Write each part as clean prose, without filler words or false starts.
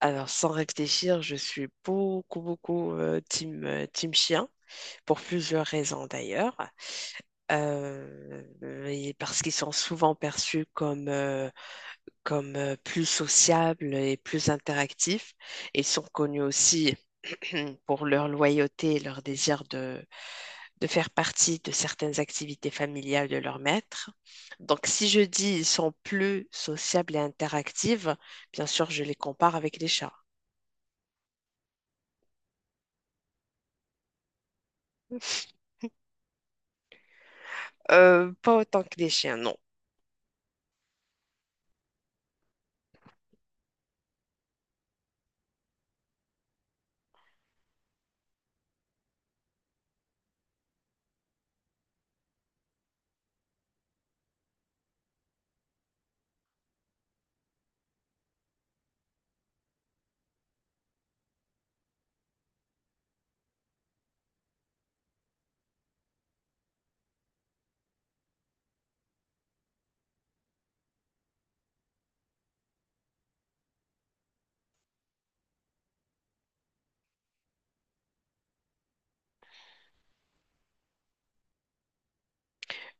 Alors, sans réfléchir, je suis beaucoup, beaucoup team, team chien, pour plusieurs raisons d'ailleurs. Euh, et parce qu'ils sont souvent perçus comme plus sociables et plus interactifs. Ils sont connus aussi pour leur loyauté et leur désir de faire partie de certaines activités familiales de leur maître. Donc, si je dis ils sont plus sociables et interactifs, bien sûr, je les compare avec les chats. Pas autant que les chiens, non.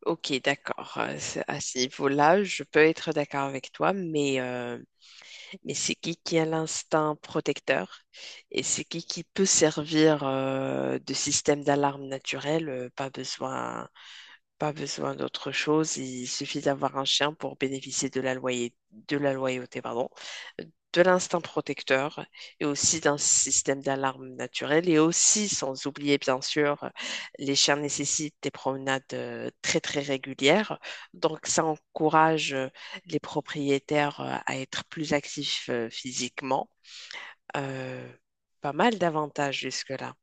Ok, d'accord. À ce niveau-là, je peux être d'accord avec toi, mais c'est qui a l'instinct protecteur et c'est qui peut servir de système d'alarme naturel? Pas besoin, pas besoin d'autre chose. Il suffit d'avoir un chien pour bénéficier de de la loyauté, pardon, de l'instinct protecteur et aussi d'un système d'alarme naturel. Et aussi, sans oublier, bien sûr, les chiens nécessitent des promenades très, très régulières. Donc, ça encourage les propriétaires à être plus actifs physiquement. Euh, Pas mal d'avantages jusque-là.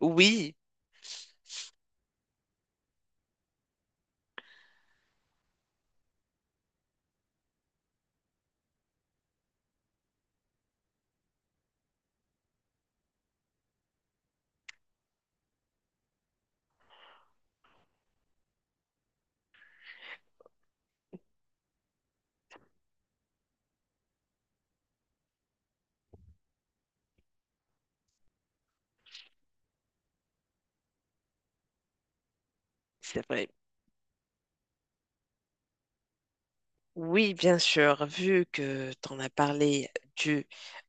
Oui, c'est vrai. Oui, bien sûr, vu que tu en as parlé du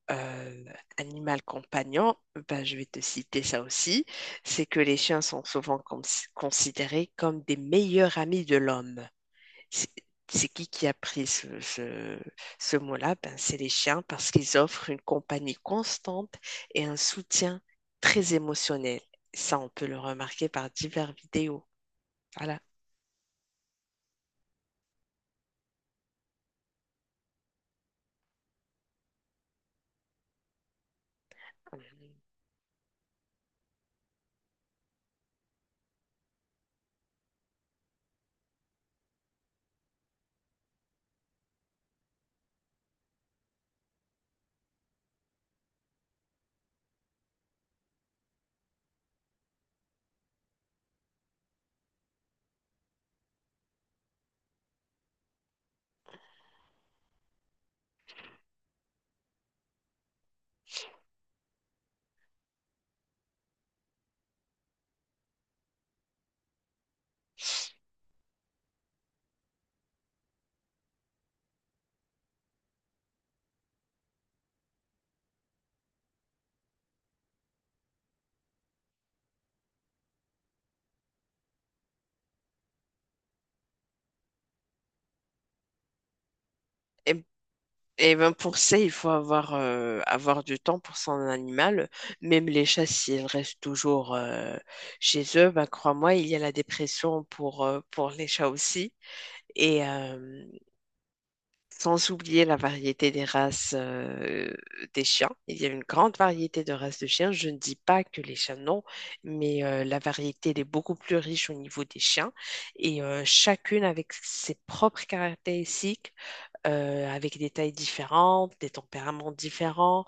euh, animal compagnon, ben, je vais te citer ça aussi, c'est que les chiens sont souvent considérés comme des meilleurs amis de l'homme. C'est c'est qui a pris ce mot-là? Ben, c'est les chiens parce qu'ils offrent une compagnie constante et un soutien très émotionnel. Ça, on peut le remarquer par diverses vidéos. Voilà. Et Et ben pour ça, il faut avoir du temps pour son animal. Même les chats, s'ils restent toujours chez eux, ben crois-moi, il y a la dépression pour les chats aussi. Et, euh, Sans oublier la variété des races des chiens. Il y a une grande variété de races de chiens. Je ne dis pas que les chiens non, mais la variété elle est beaucoup plus riche au niveau des chiens. Chacune avec ses propres caractéristiques, avec des tailles différentes, des tempéraments différents.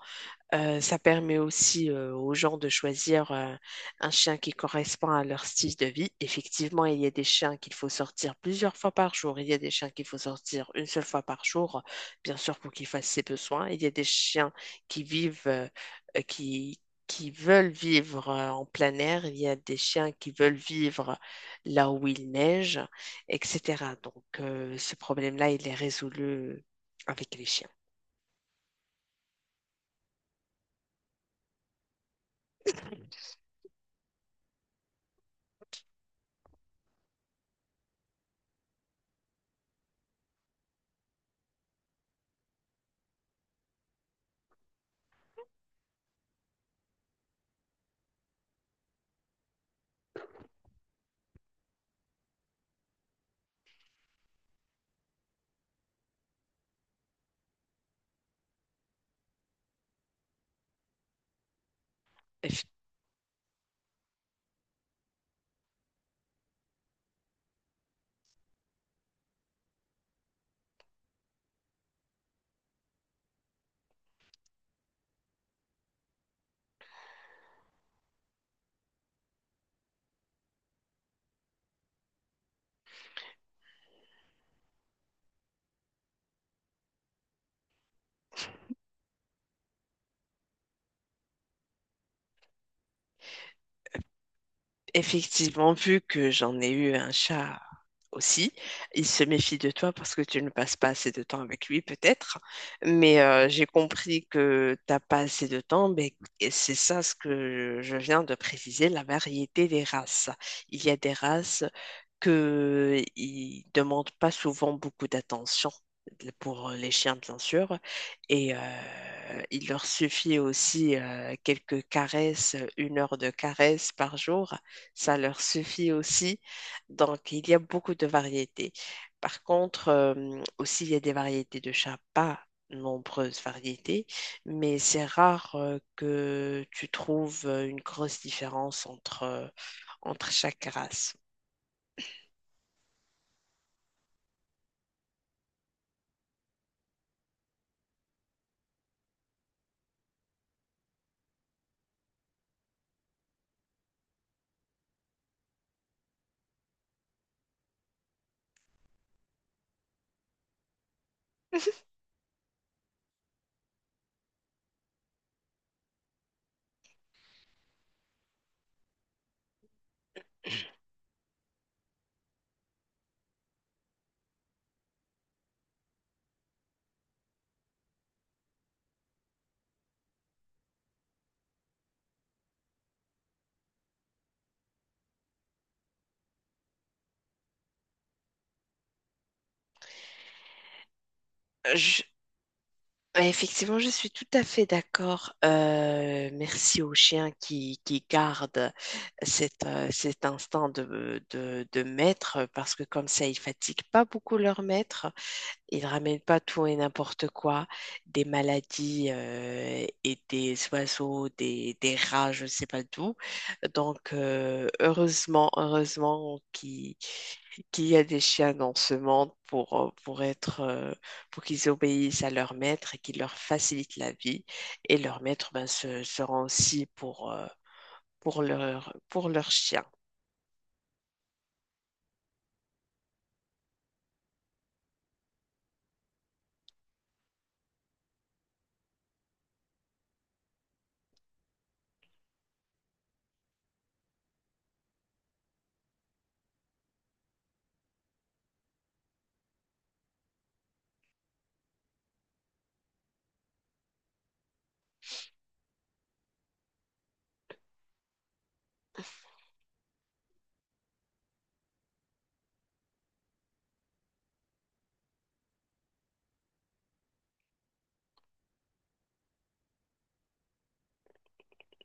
Ça permet aussi aux gens de choisir un chien qui correspond à leur style de vie. Effectivement, il y a des chiens qu'il faut sortir plusieurs fois par jour. Il y a des chiens qu'il faut sortir une seule fois par jour, bien sûr, pour qu'ils fassent ses besoins. Il y a des chiens qui vivent, euh, euh, qui, qui veulent vivre en plein air. Il y a des chiens qui veulent vivre là où il neige, etc. Donc, ce problème-là, il est résolu avec les chiens. Effectivement, vu que j'en ai eu un chat aussi, il se méfie de toi parce que tu ne passes pas assez de temps avec lui, peut-être. Mais j'ai compris que t'as pas assez de temps, mais c'est ça ce que je viens de préciser, la variété des races. Il y a des races que ils demandent pas souvent beaucoup d'attention pour les chiens, bien sûr, et euh, il leur suffit aussi quelques caresses, une heure de caresses par jour ça leur suffit aussi. Donc, il y a beaucoup de variétés. Par contre, aussi, il y a des variétés de chats, pas nombreuses variétés, mais c'est rare que tu trouves une grosse différence entre chaque race. Je- Effectivement, je suis tout à fait d'accord. Merci aux chiens qui gardent cet instinct de maître parce que comme ça, ils fatiguent pas beaucoup leur maître. Ils ramènent pas tout et n'importe quoi, des maladies et des oiseaux, des rats, je ne sais pas d'où. Donc, heureusement, heureusement qu'il y a des chiens dans ce monde pour pour qu'ils obéissent à leur maître et qu'ils leur facilitent la vie. Et leur maître ben, se rend aussi pour leur chien.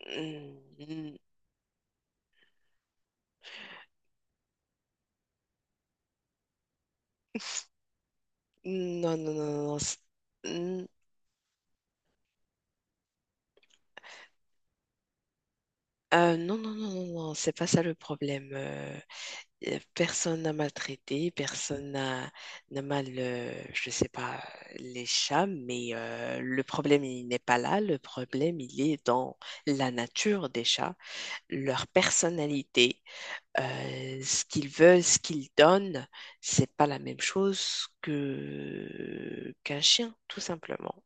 Mm, mm. Non, non, non, non, non, mm. Non, non, non, non, non, c'est pas ça le problème. Personne n'a maltraité, personne n'a n'a mal, je sais pas, les chats, mais le problème, il n'est pas là. Le problème, il est dans la nature des chats, leur personnalité, ce qu'ils veulent, ce qu'ils donnent, c'est pas la même chose que qu'un chien, tout simplement.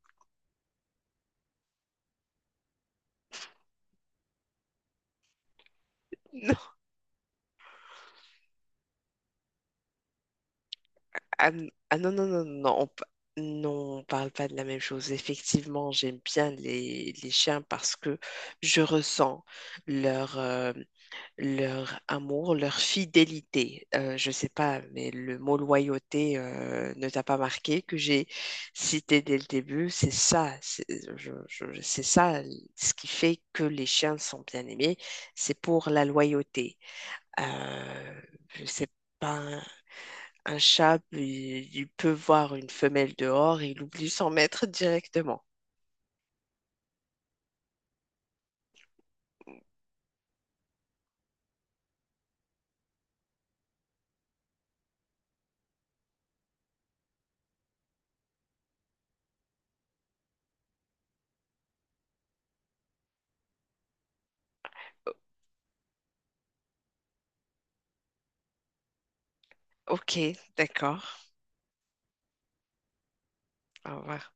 Ah, ah non, non, non, non, non, non, on parle pas de la même chose. Effectivement, j'aime bien les chiens parce que je ressens leur, euh, leur amour, leur fidélité. Je sais pas, mais le mot loyauté, ne t'a pas marqué, que j'ai cité dès le début. C'est ça, c'est c'est ça ce qui fait que les chiens sont bien aimés. C'est pour la loyauté. Euh, je sais pas. Un chat, il peut voir une femelle dehors et il oublie son maître directement. Ok, d'accord. Au revoir.